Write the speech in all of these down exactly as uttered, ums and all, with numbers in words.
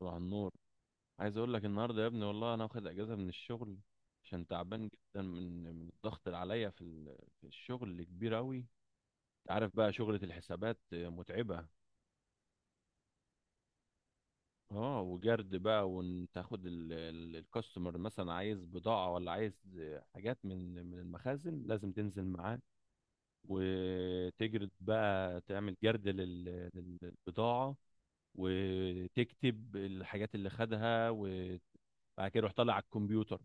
طبعا النور. عايز اقول لك النهارده يا ابني، والله انا واخد اجازه من الشغل عشان تعبان جدا من من الضغط اللي عليا في ال- في الشغل اللي كبير قوي. انت عارف بقى شغلة الحسابات متعبة. اه، وجرد بقى، وتاخد الكاستمر مثلا عايز بضاعة ولا عايز حاجات من من المخازن لازم تنزل معاه، وتجرد بقى، تعمل جرد لل- لل- للبضاعة، وتكتب الحاجات اللي خدها، وبعد كده يروح طالع على الكمبيوتر،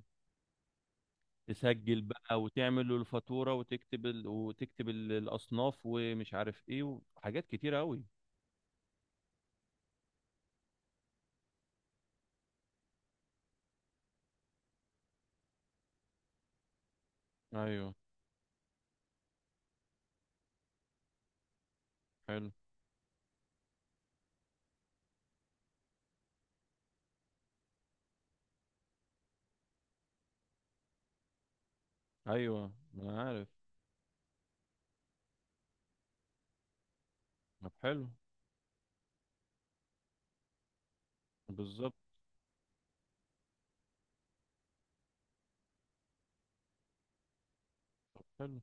تسجل بقى وتعمل له الفاتورة، وتكتب ال... وتكتب ال- الأصناف ومش عارف إيه، وحاجات كتيرة أوي. أيوه. حلو. أيوه، ما أنا عارف. طب حلو. بالظبط. حلو.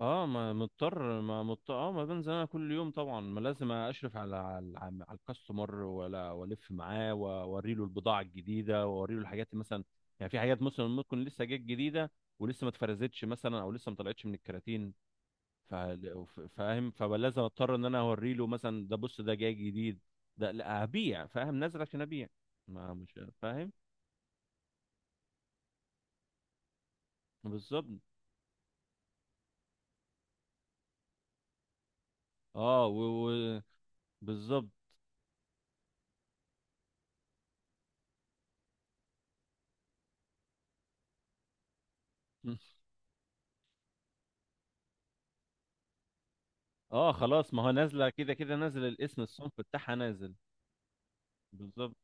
اه، ما مضطر، ما مضطر. اه، ما بنزل انا كل يوم طبعا. ما لازم اشرف على على على الكاستمر، ولا والف معاه واوري له البضاعه الجديده، واوري له الحاجات مثلا. يعني في حاجات مثلا ممكن لسه جت جديده، ولسه ما اتفرزتش مثلا، او لسه ما طلعتش من الكراتين. ف- وف- فاهم، فلازم اضطر ان انا اوري له مثلا، ده بص ده جاي جديد، ده لا هبيع. فاهم، نازل عشان ابيع. ما مش فاهم. بالظبط. اه، و... و... بالظبط. اه، خلاص، ما هو نازله كده. كده نازل الاسم، الصنف بتاعها نازل. بالظبط،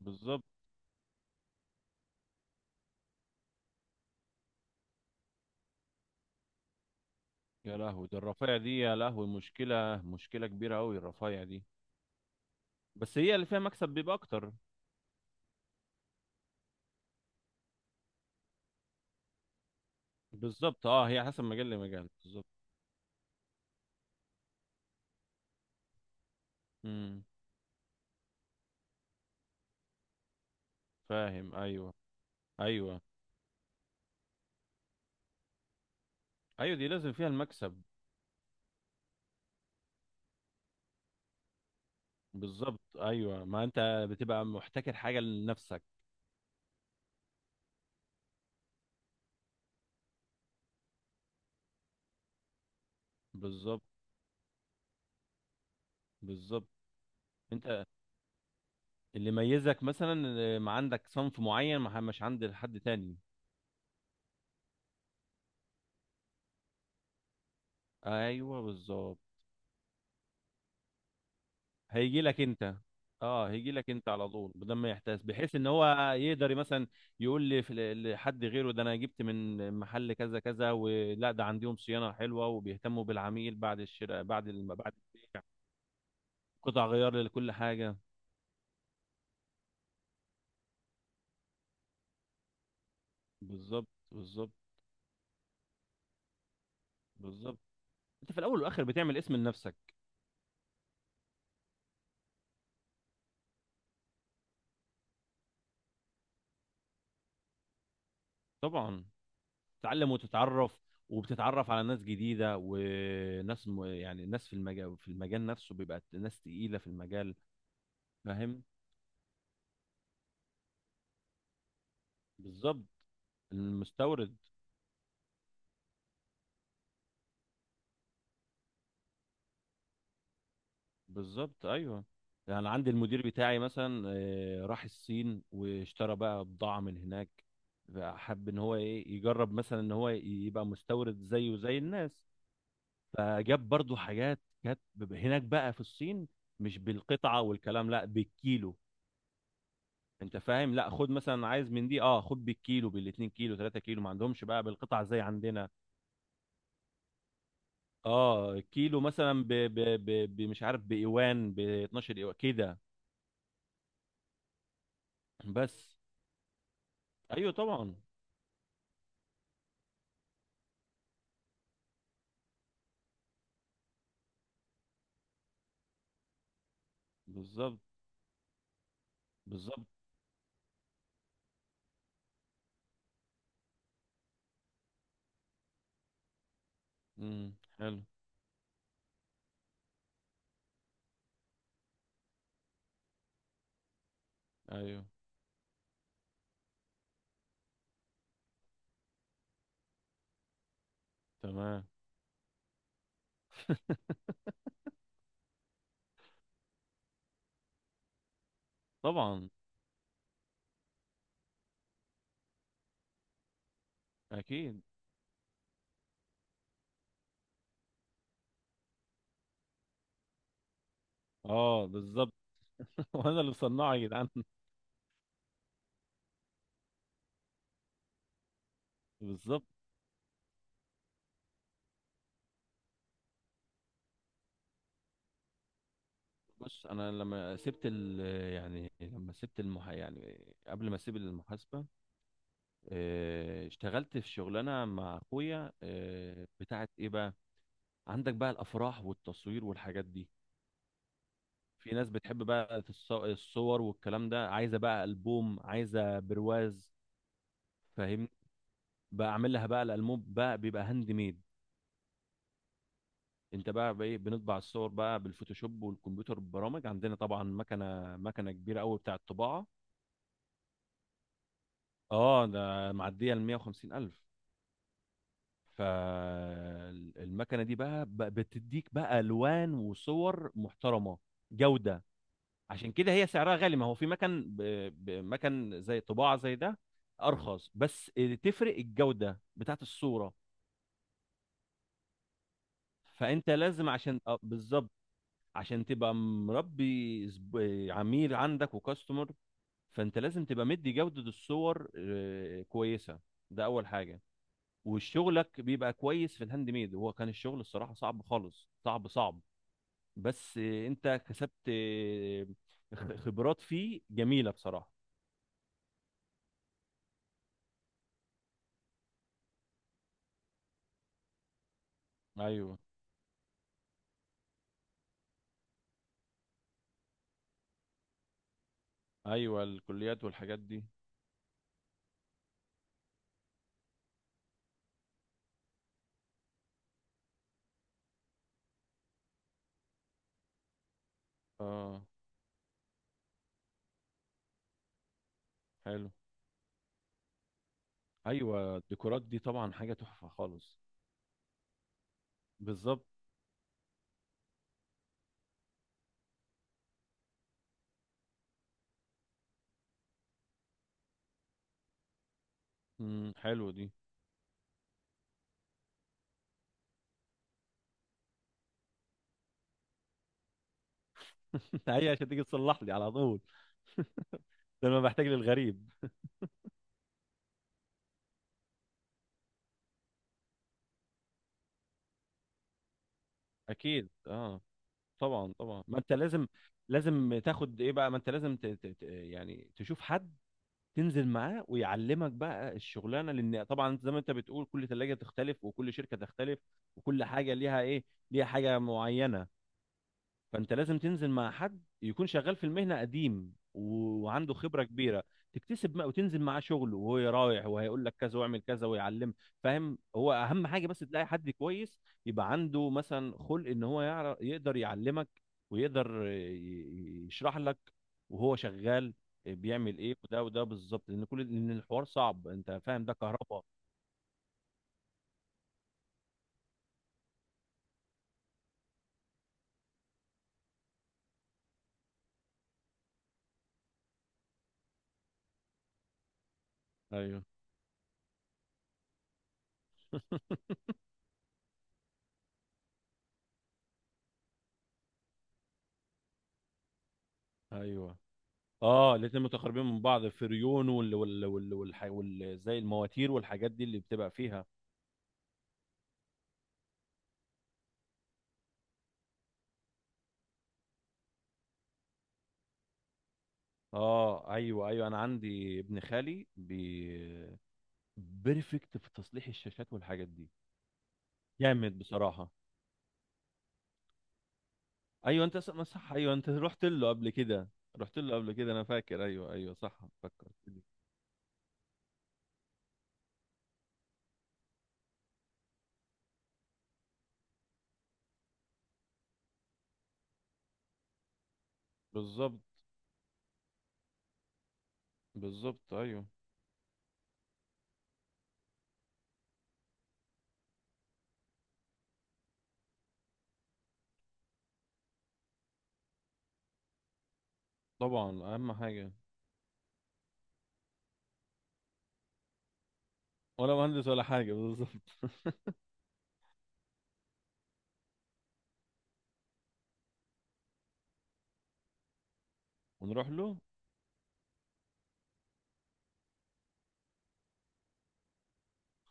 بالظبط. يا لهوي، ده الرفايع دي يا لهوي، مشكله مشكله كبيره قوي الرفايع دي. بس هي اللي فيها مكسب بيبقى اكتر. بالظبط، اه، هي حسب مجال لمجال، بالظبط. امم. فاهم، ايوه. ايوه. ايوه، دي لازم فيها المكسب. بالظبط، ايوه، ما انت بتبقى محتكر حاجه لنفسك. بالظبط، بالظبط. انت اللي يميزك مثلا إن ما عندك صنف معين ما مش عند حد تاني. ايوه بالظبط. هيجي لك انت. اه، هيجي لك انت على طول بدل ما يحتاس، بحيث ان هو يقدر مثلا يقول لي في- لحد غيره، ده انا جبت من محل كذا كذا، ولا ده عندهم صيانه حلوه وبيهتموا بالعميل بعد الشراء، بعد الم... بعد البيع. قطع غيار لكل حاجه. بالظبط، بالظبط، بالظبط. انت في الاول والاخر بتعمل اسم لنفسك. طبعا. تتعلم وتتعرف، وبتتعرف على ناس جديده، وناس م... يعني ناس في المجال، في المجال نفسه بيبقى ناس تقيله في المجال. فاهم. بالظبط، المستورد. بالظبط، ايوه. يعني عندي المدير بتاعي مثلا آه، راح الصين واشترى بقى بضاعه من هناك. بقى حب ان هو ايه، يجرب مثلا ان هو يبقى مستورد زيه زي الناس. فجاب برضو حاجات كانت بب- هناك بقى في الصين، مش بالقطعة والكلام، لا، بالكيلو. انت فاهم، لا خد مثلا، عايز من دي، اه خد بالكيلو، بالاتنين كيلو، تلاتة كيلو. ما عندهمش بقى بالقطع زي عندنا. اه، كيلو مثلا ب ب ب ب- مش عارف بإيوان، ب اتناشر إيوان كده. بس ايوه طبعا. بالظبط، بالظبط. امم، حلو. ايوه. تمام. طبعا. اكيد. اه، بالظبط. وانا اللي مصنعه يا جدعان. بالظبط. بص انا لما سبت ال يعني لما سبت المح يعني قبل ما اسيب المحاسبه، آه، اشتغلت في شغلانه مع اخويا، آه، بتاعت ايه بقى، عندك بقى الافراح والتصوير والحاجات دي. في ناس بتحب بقى الص- الصور والكلام ده، عايزه بقى البوم، عايزه برواز. فاهم. بقى اعمل لها بقى الالبوم، بقى بيبقى هاند ميد. انت بقى بايه، بنطبع الصور بقى بالفوتوشوب والكمبيوتر، ببرامج عندنا طبعا، مكنه مكنه كبيره قوي بتاعه طباعه. اه، ده معديه ال مية وخمسين الف. فالمكنه دي بقى ب- بتديك بقى الوان وصور محترمه، جوده. عشان كده هي سعرها غالي، ما هو في مكن ب- ب- مكن زي طباعه زي ده ارخص، بس تفرق الجوده بتاعت الصوره. فانت لازم عشان آه، بالظبط، عشان تبقى مربي زب- عميل عندك وكاستمر. فانت لازم تبقى مدي جوده الصور آه، كويسه، ده اول حاجه. وشغلك بيبقى كويس في الهاند ميد. هو كان الشغل الصراحة صعب خالص، صعب صعب، بس انت كسبت خ- خبرات فيه جميلة بصراحة. ايوه، ايوه الكليات والحاجات دي. اه، حلو، ايوه، الديكورات دي طبعا حاجه تحفه خالص. بالظبط. امم، حلو دي. هي عشان تيجي تصلح لي على طول. ده انا بحتاج للغريب. اكيد، اه، طبعا، طبعا، ما انت لازم، لازم تاخد ايه بقى. ما انت لازم ت... ت... ت- يعني تشوف حد تنزل معاه ويعلمك بقى الشغلانه، لان طبعا انت زي ما انت بتقول، كل ثلاجه تختلف وكل شركه تختلف، وكل حاجه ليها ايه، ليها حاجه معينه. فانت لازم تنزل مع حد يكون شغال في المهنه قديم و- وعنده خبره كبيره، تكتسب ما وتنزل معاه شغل، وهو رايح وهيقول لك كذا واعمل كذا ويعلم. فاهم، هو اهم حاجه بس تلاقي حد كويس، يبقى عنده مثلا خلق ان هو يعرف يقدر يعلمك، ويقدر ي- ي- يشرح لك وهو شغال بيعمل ايه. وده وده بالظبط، لان كل، لان الحوار صعب، انت فاهم، ده كهرباء. ايوه. ايوه، اه، الاتنين متقاربين من بعض، فريون وال وال وال والح... وال زي المواتير والحاجات دي اللي بتبقى فيها. اه، ايوه، ايوه، انا عندي ابن خالي بي... بيرفكت في تصليح الشاشات والحاجات دي، جامد بصراحة. ايوه انت س- ما صح، ايوه انت رحت له قبل كده. رحت له قبل كده انا فاكر، ايوه، ايوه، صح، فكرت لي. بالظبط، بالظبط، ايوه، طبعا، اهم حاجة. ولا مهندس ولا حاجة، بالظبط. ونروح له.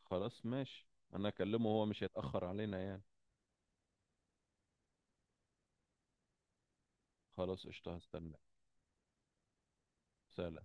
خلاص ماشي، انا اكلمه هو مش هيتأخر علينا يعني. خلاص قشطة، هستناك. سلام.